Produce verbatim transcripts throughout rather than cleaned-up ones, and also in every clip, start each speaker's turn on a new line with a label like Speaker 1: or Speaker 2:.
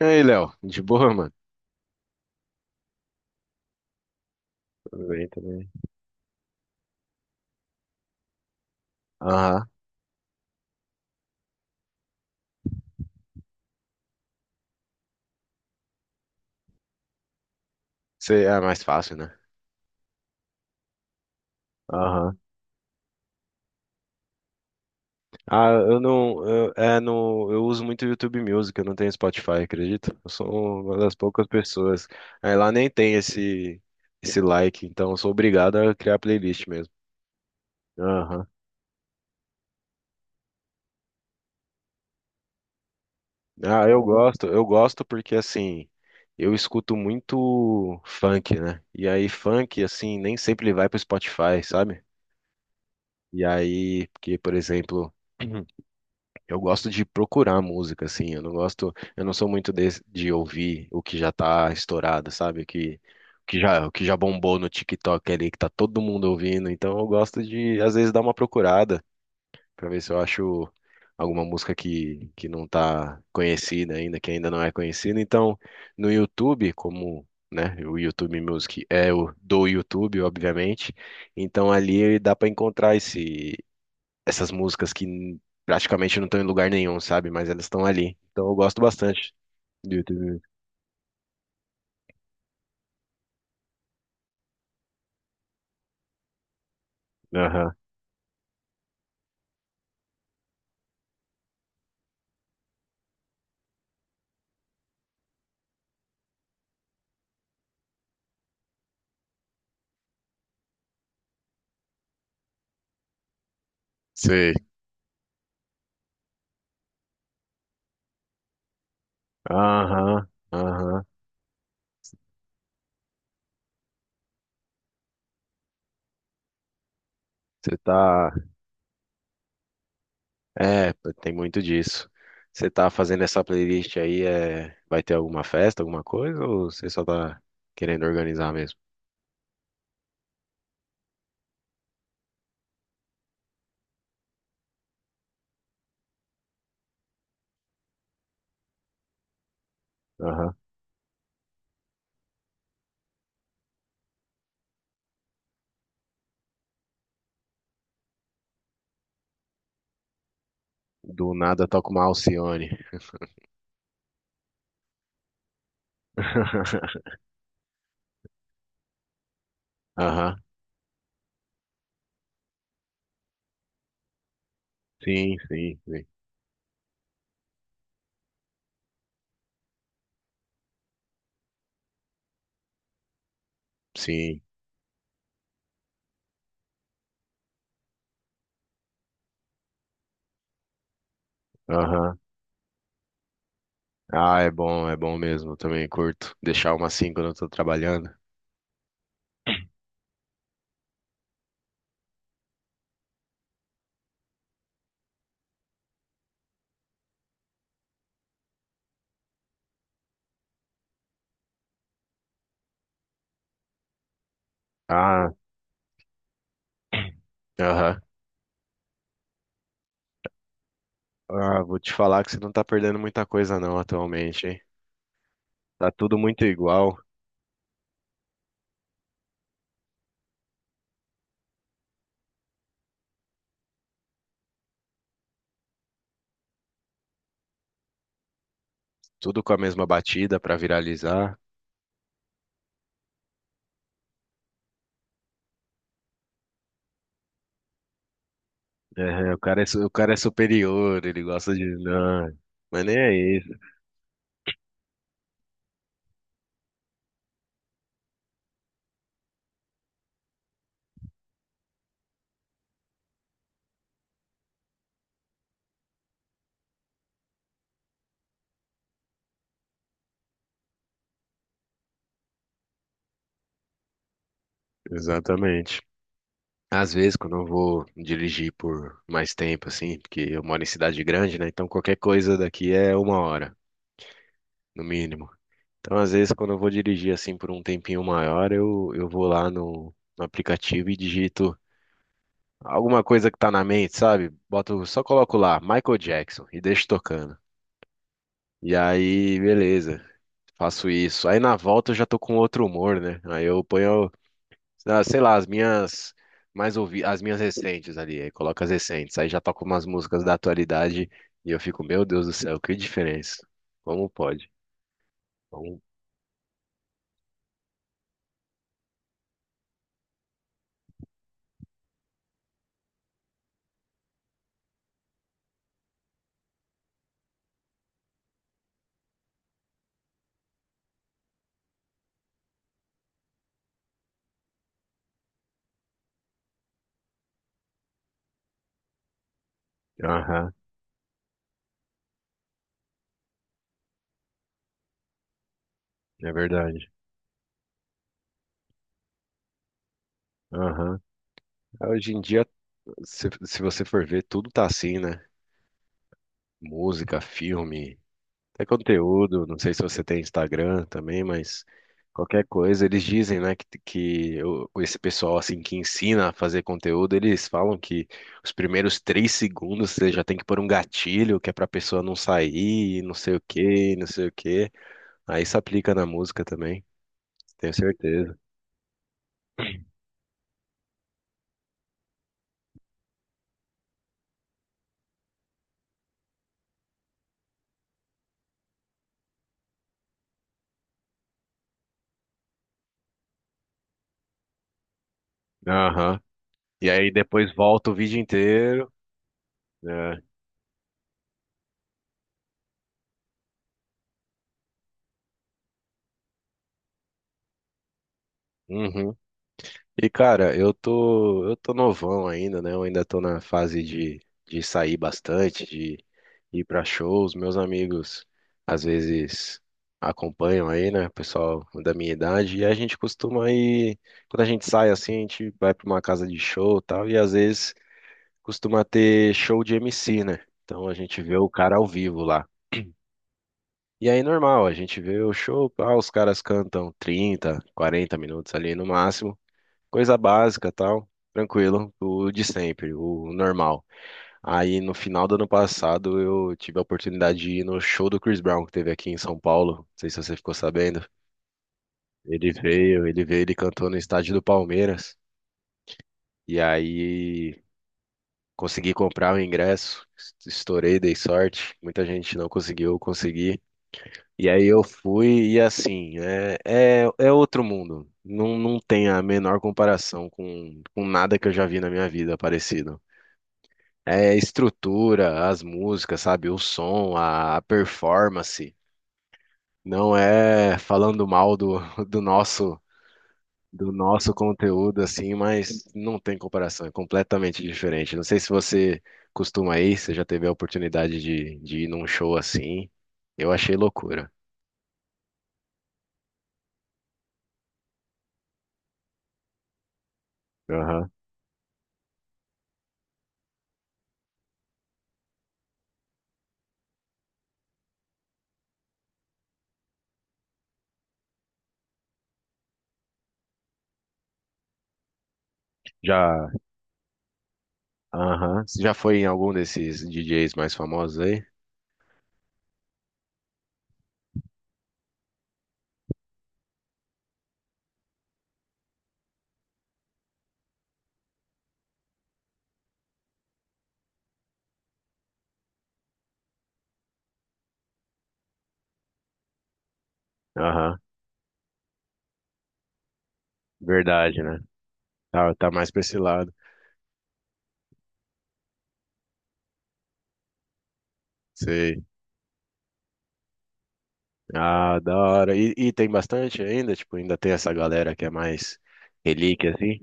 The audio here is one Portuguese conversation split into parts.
Speaker 1: E aí, Léo? De boa, mano? Tudo bem também. Aham. Cê- é mais fácil, né? Aham. Ah, eu não. Eu, é, no, Eu uso muito YouTube Music, eu não tenho Spotify, acredito. Eu sou uma das poucas pessoas. Aí lá nem tem esse, esse like, então eu sou obrigado a criar playlist mesmo. Aham. Ah, eu gosto, eu gosto porque assim. Eu escuto muito funk, né? E aí, funk, assim, nem sempre ele vai pro Spotify, sabe? E aí, porque, por exemplo. Eu gosto de procurar música, assim. Eu não gosto, eu não sou muito de, de ouvir o que já tá estourado, sabe? O que, o que já, o que já bombou no TikTok ali, que tá todo mundo ouvindo. Então eu gosto de, às vezes, dar uma procurada pra ver se eu acho alguma música que, que não tá conhecida ainda, que ainda não é conhecida. Então, no YouTube, como, né, o YouTube Music é o do YouTube, obviamente. Então ali dá pra encontrar esse essas músicas que praticamente não estão em lugar nenhum, sabe? Mas elas estão ali. Então eu gosto bastante do YouTube. Aham. Sei. Aham. Aham. Você tá. É, tem muito disso. Você tá fazendo essa playlist aí, é... vai ter alguma festa, alguma coisa, ou você só tá querendo organizar mesmo? Aham. Do nada toca uma Alcione. Aham. Sim, sim, sim. Sim. Aham. Ah, é bom, é bom mesmo. Eu também curto deixar uma assim quando eu tô trabalhando. Ah. Aham. Ah, vou te falar que você não tá perdendo muita coisa não atualmente, hein? Tá tudo muito igual, tudo com a mesma batida pra viralizar. É, o cara é, su- o cara é superior, ele gosta de... Não, mas nem é isso. Exatamente. Às vezes, quando eu vou dirigir por mais tempo, assim, porque eu moro em cidade grande, né? Então qualquer coisa daqui é uma hora, no mínimo. Então, às vezes, quando eu vou dirigir, assim, por um tempinho maior, eu, eu vou lá no, no aplicativo e digito alguma coisa que tá na mente, sabe? Boto, só coloco lá, Michael Jackson, e deixo tocando. E aí, beleza, faço isso. Aí na volta eu já tô com outro humor, né? Aí eu ponho, ah, sei lá, as minhas mais ouvi, as minhas recentes ali, aí coloco as recentes. Aí já toco umas músicas da atualidade e eu fico, meu Deus do céu, que diferença. Como pode? Como- Aham, é verdade. Aham. Ah, hoje em dia, se, se você for ver, tudo tá assim, né? Música, filme. Até conteúdo, não sei se você tem Instagram também, mas qualquer coisa, eles dizem, né, que, que o- esse pessoal, assim, que ensina a fazer conteúdo, eles falam que os primeiros três segundos você já tem que pôr um gatilho, que é pra pessoa não sair, não sei o quê, não sei o quê. Aí isso aplica na música também, tenho certeza. Aham. E aí depois volta o vídeo inteiro, né? Uhum. E cara, eu tô, eu tô novão ainda, né? Eu ainda tô na fase de, de sair bastante, de ir pra shows. Meus amigos às vezes acompanham aí, né? O pessoal da minha idade. E a gente costuma ir, quando a gente sai assim, a gente vai pra uma casa de show e tal. E às vezes costuma ter show de M C, né? Então a gente vê o cara ao vivo lá. E aí, normal, a gente vê o show, ah, os caras cantam trinta, quarenta minutos ali no máximo. Coisa básica, tal. Tranquilo, o de sempre, o normal. Aí no final do ano passado eu tive a oportunidade de ir no show do Chris Brown que teve aqui em São Paulo. Não sei se você ficou sabendo. Ele veio, ele veio, ele cantou no estádio do Palmeiras. E aí consegui comprar o ingresso, estourei, dei sorte. Muita gente não conseguiu, eu consegui. E aí eu fui e assim, é, é, é outro mundo. Não, não tem a menor comparação com, com nada que eu já vi na minha vida parecido. É, estrutura, as músicas, sabe? O som, a performance. Não é falando mal do, do nosso do nosso conteúdo assim, mas não tem comparação, é completamente diferente. Não sei se você costuma ir, você já teve a oportunidade de, de ir num show assim. Eu achei loucura. Aham. Já, aham. Você já foi em algum desses D Js mais famosos aí? Aham, verdade, né? Tá, tá mais pra esse lado. Sei. Ah, da hora. E, e tem bastante ainda? Tipo, ainda tem essa galera que é mais relíquia, assim?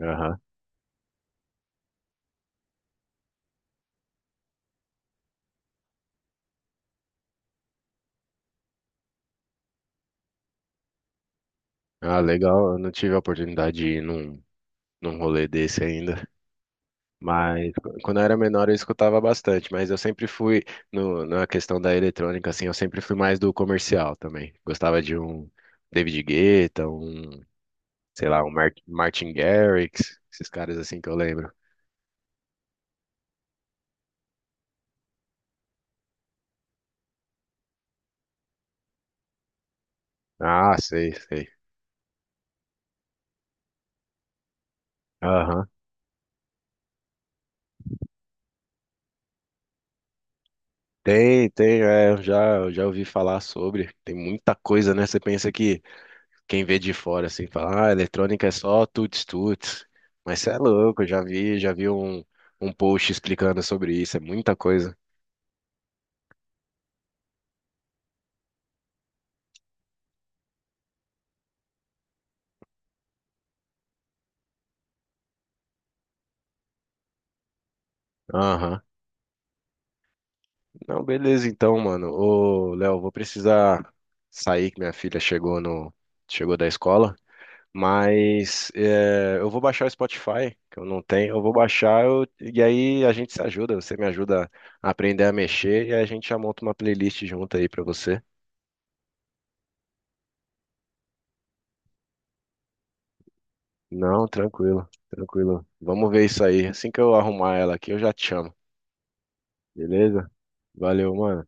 Speaker 1: Aham. Ah, legal. Eu não tive a oportunidade de ir num, num rolê desse ainda. Mas quando eu era menor eu escutava bastante, mas eu sempre fui no, na questão da eletrônica, assim, eu sempre fui mais do comercial também. Gostava de um David Guetta, um, sei lá, um Mar- Martin Garrix, esses caras assim que eu lembro. Ah, sei, sei. Aham. Tem, tem, é, eu já, eu já ouvi falar sobre. Tem muita coisa, né? Você pensa que quem vê de fora assim fala, ah, eletrônica é só tuts-tuts. Mas você é louco, eu já vi, já vi um, um post explicando sobre isso, é muita coisa. Aham. Não, beleza então, mano. Ô, Léo, vou precisar sair que minha filha chegou no chegou da escola, mas é, eu vou baixar o Spotify, que eu não tenho. Eu vou baixar eu- E aí a gente se ajuda, você me ajuda a aprender a mexer e a gente já monta uma playlist junto aí pra você. Não, tranquilo, tranquilo. Vamos ver isso aí. Assim que eu arrumar ela aqui, eu já te chamo. Beleza? Valeu, mano.